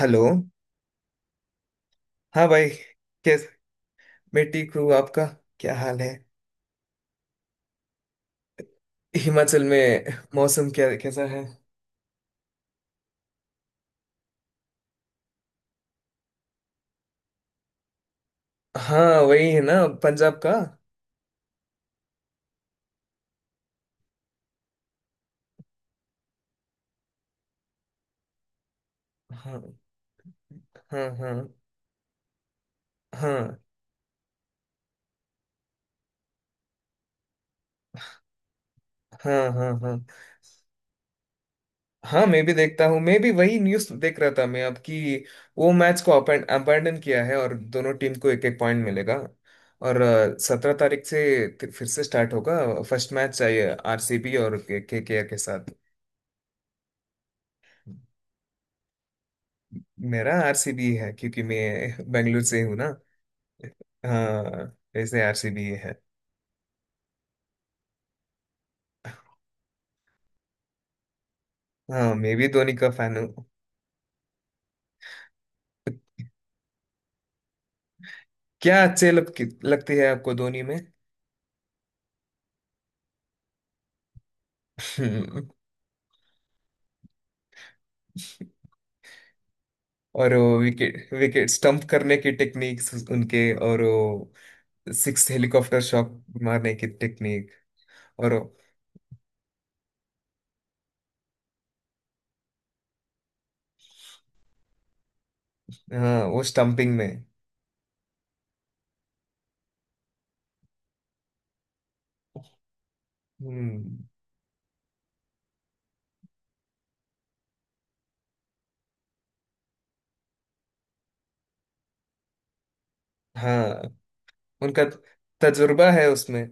Hello. हाँ भाई। कैस मैं ठीक हूँ। आपका क्या हाल है हिमाचल में? मौसम क्या कैसा है? हाँ वही है ना, पंजाब का। हाँ। हाँ। हाँ। हाँ। हाँ। हाँ। हाँ। हाँ मैं भी देखता हूँ। मैं भी वही न्यूज़ देख रहा था मैं, अब कि वो मैच को अबैंडन किया है और दोनों टीम को एक एक पॉइंट मिलेगा। और 17 तारीख से फिर से स्टार्ट होगा। फर्स्ट मैच चाहिए आरसीबी और KKR के साथ। मेरा आरसीबी है क्योंकि मैं बेंगलुरु से हूँ ना। हाँ वैसे आरसीबी है। हाँ मैं भी धोनी का फैन हूँ। क्या अच्छे लगती है आपको धोनी में? हम्म। और वो विकेट विकेट स्टंप करने की टेक्निक्स उनके, और वो सिक्स हेलीकॉप्टर शॉट मारने की टेक्निक, और वो- हाँ वो स्टंपिंग में। हम्म। हाँ उनका तजुर्बा है उसमें।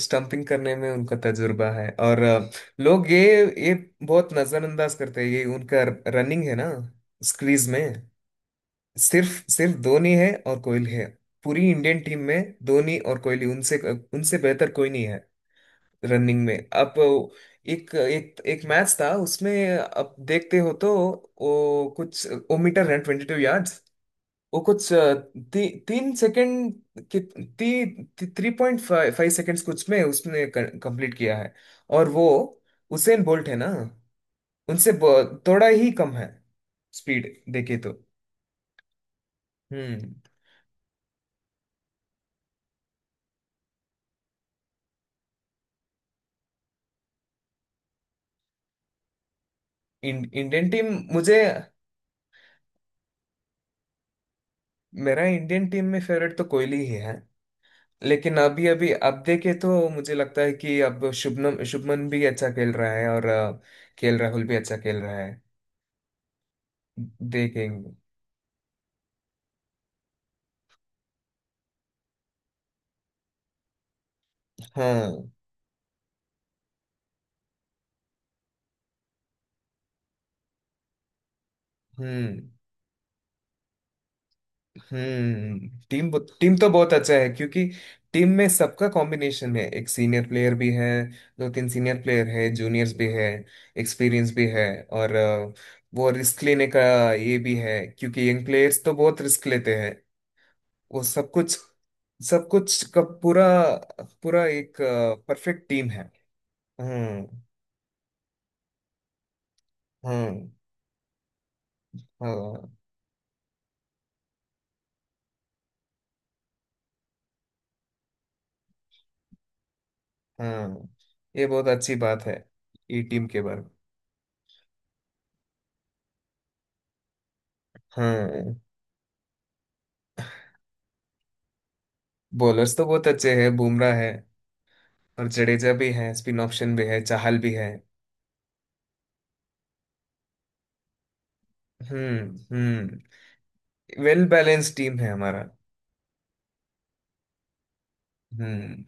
स्टंपिंग करने में उनका तजुर्बा है और लोग ये बहुत नजरअंदाज करते हैं, ये उनका रनिंग है ना, स्क्रीज में। सिर्फ सिर्फ धोनी है और कोहली है पूरी इंडियन टीम में। धोनी और कोहली, उनसे उनसे बेहतर कोई नहीं है रनिंग में। अब एक एक एक मैच था उसमें, अब देखते हो तो वो कुछ वो मीटर रन, 22 यार्ड्स, वो कुछ 3 सेकंड की, ती, ती, three point five five seconds कुछ में उसने कंप्लीट किया है, और वो उसेन बोल्ट है ना, उनसे थोड़ा ही कम है स्पीड देखे तो। हम्म। Indian team. मुझे, मेरा इंडियन टीम में फेवरेट तो कोहली ही है, लेकिन अभी अभी अब देखे तो मुझे लगता है कि अब शुभमन शुभमन भी अच्छा खेल रहा है, और के एल राहुल भी अच्छा खेल रहा है। देखेंगे। हाँ। हम्म। टीम, टीम तो बहुत अच्छा है, क्योंकि टीम में सबका कॉम्बिनेशन है, एक सीनियर प्लेयर भी है, दो तीन सीनियर प्लेयर है, जूनियर्स भी है, एक्सपीरियंस भी है, और वो रिस्क लेने का ये भी है, क्योंकि यंग प्लेयर्स तो बहुत रिस्क लेते हैं। वो सब कुछ का पूरा पूरा एक परफेक्ट टीम है। हम्म। हम्म। हाँ। हाँ ये बहुत अच्छी बात है ये टीम के बारे में। हाँ बॉलर्स तो बहुत अच्छे हैं, बुमराह है, और जडेजा भी है, स्पिन ऑप्शन भी है, चाहल भी है। हम्म। हम्म। वेल बैलेंस टीम है हमारा। हम्म।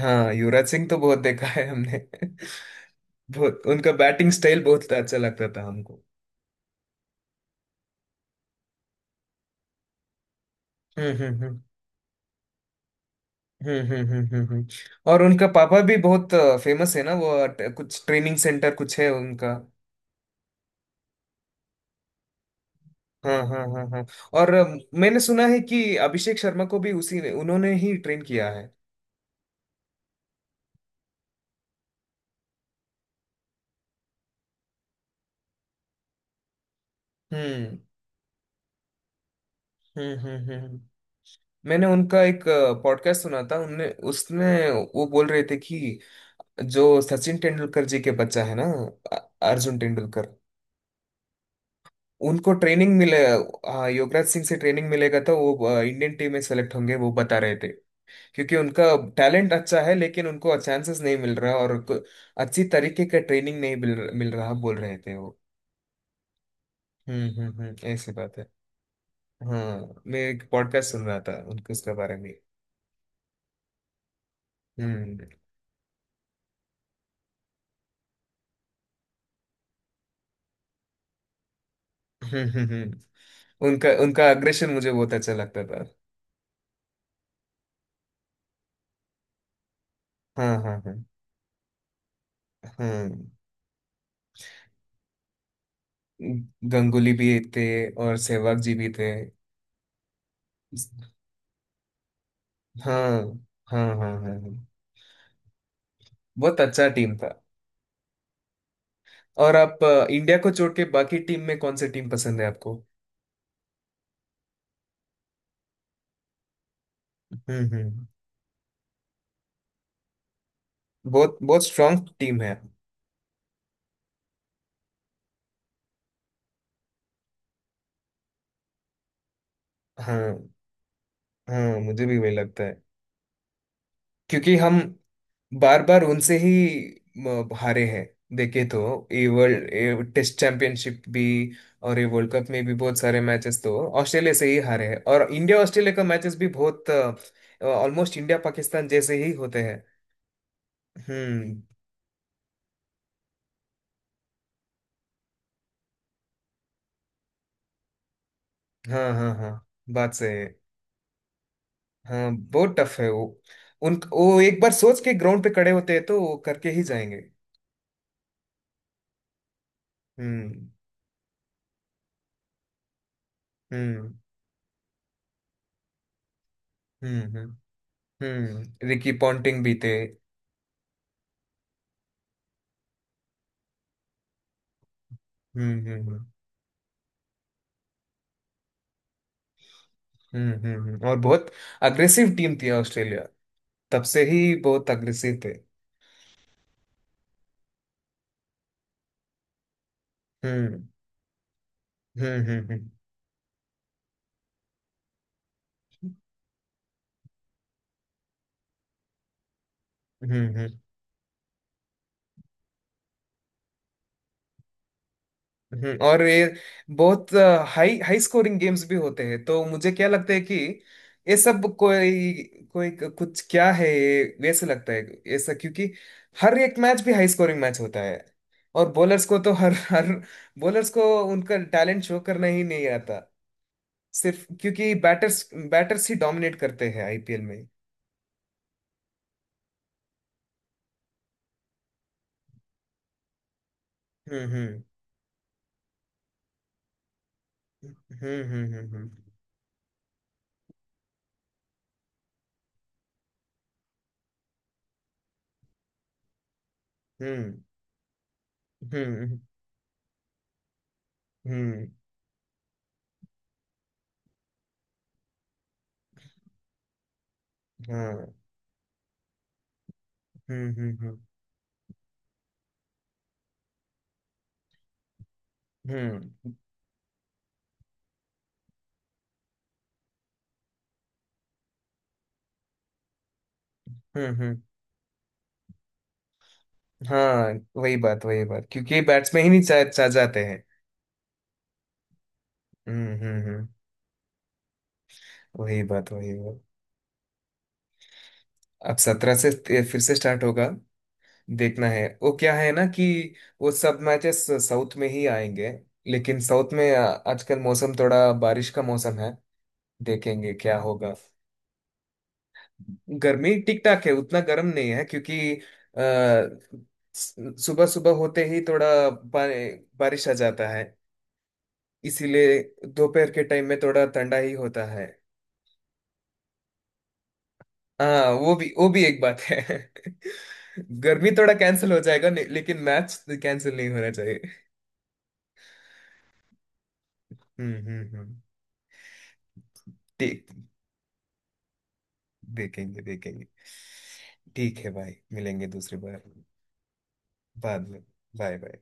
हाँ युवराज सिंह तो बहुत देखा है हमने। बहुत, उनका बैटिंग स्टाइल बहुत अच्छा लगता था हमको। हम्म। हम्म। हम्म। हम्म। हम्म। हम्म। हम्म। और उनका पापा भी बहुत फेमस है ना, वो कुछ ट्रेनिंग सेंटर कुछ है उनका। हाँ। हाँ। हाँ। हाँ। और मैंने सुना है कि अभिषेक शर्मा को भी उसी ने, उन्होंने ही ट्रेन किया है। हम्म। हम्म। हम्म। हम्म। मैंने उनका एक पॉडकास्ट सुना था उनने, उसमें वो बोल रहे थे कि जो सचिन तेंदुलकर जी के बच्चा है ना, अ- अर्जुन तेंदुलकर, उनको ट्रेनिंग मिले हाँ, युवराज सिंह से ट्रेनिंग मिलेगा तो वो इंडियन टीम में सेलेक्ट होंगे, वो बता रहे थे। क्योंकि उनका टैलेंट अच्छा है, लेकिन उनको चांसेस नहीं मिल रहा, और अच्छी तरीके का ट्रेनिंग नहीं मिल मिल रहा, बोल रहे थे वो। हम्म। हम्म। ऐसी बात है। हाँ मैं एक पॉडकास्ट सुन रहा था उनके, उसके बारे में। हम्म। हम्म। उनका, उनका अग्रेशन मुझे बहुत अच्छा लगता था। हाँ। हाँ। हाँ। हाँ। गंगुली भी थे, और सहवाग जी भी थे। हाँ। हाँ। हाँ। हाँ। हाँ। बहुत अच्छा टीम था। और आप इंडिया को छोड़ के बाकी टीम में कौन सी टीम पसंद है आपको? हम्म। हम्म। बहुत, बहुत स्ट्रांग टीम है। हाँ। हाँ मुझे भी वही लगता है। क्योंकि हम बार बार उनसे ही हारे हैं देखे तो। ये वर्ल्ड टेस्ट चैंपियनशिप भी, और ये वर्ल्ड कप में भी बहुत सारे मैचेस तो ऑस्ट्रेलिया से ही हारे हैं, और इंडिया ऑस्ट्रेलिया का मैचेस भी बहुत ऑलमोस्ट इंडिया पाकिस्तान जैसे ही होते हैं। हम्म। हाँ। हाँ। हाँ बात सही है। हाँ बहुत टफ है वो, उन, वो एक बार सोच के ग्राउंड पे खड़े होते हैं तो वो करके ही जाएंगे। हम्म। हम्म। हम्म। हम्म। रिकी पॉन्टिंग भी थे। हम्म। हम्म। हम्म। हम्म। हम्म। हम्म। और बहुत अग्रेसिव टीम थी ऑस्ट्रेलिया, तब से ही बहुत अग्रेसिव थे। हम्म। हम्म। हम्म। हम्म। हम्म। हम्म। हम्म। और ये बहुत हाई हाई स्कोरिंग गेम्स भी होते हैं तो मुझे क्या लगता है कि ये सब कोई, कोई कुछ क्या है ये वैसे लगता है ऐसा, क्योंकि हर एक मैच भी हाई स्कोरिंग मैच होता है, और बॉलर्स को तो हर हर बॉलर्स को उनका टैलेंट शो करना ही नहीं आता, सिर्फ क्योंकि बैटर्स बैटर्स ही डोमिनेट करते हैं आईपीएल में। हम्म। हम्म। हम्म। हम्म। हम्म। हम्म। हम्म। हम्म। हाँ। हम्म। हम्म। हम्म। हम्म। हम्म। हाँ वही बात वही बात, क्योंकि बैट्समैन ही नहीं चा, चा जाते हैं। हम्म। हम्म। हम्म। वही बात वही बात। अब सत्रह से फिर से स्टार्ट होगा। देखना है वो, क्या है ना कि वो सब मैचेस साउथ में ही आएंगे, लेकिन साउथ में आजकल मौसम थोड़ा बारिश का मौसम है। देखेंगे क्या होगा। गर्मी ठीक ठाक है, उतना गर्म नहीं है क्योंकि सुबह सुबह होते ही थोड़ा बारिश आ जाता है, इसीलिए दोपहर के टाइम में थोड़ा ठंडा ही होता है। हाँ वो भी एक बात है। गर्मी थोड़ा कैंसिल हो जाएगा लेकिन मैच कैंसिल नहीं होना चाहिए। हम्म। हम्म। हम्म। ठीक। देखेंगे देखेंगे। ठीक है भाई मिलेंगे दूसरी बार। बाद में बाय बाय।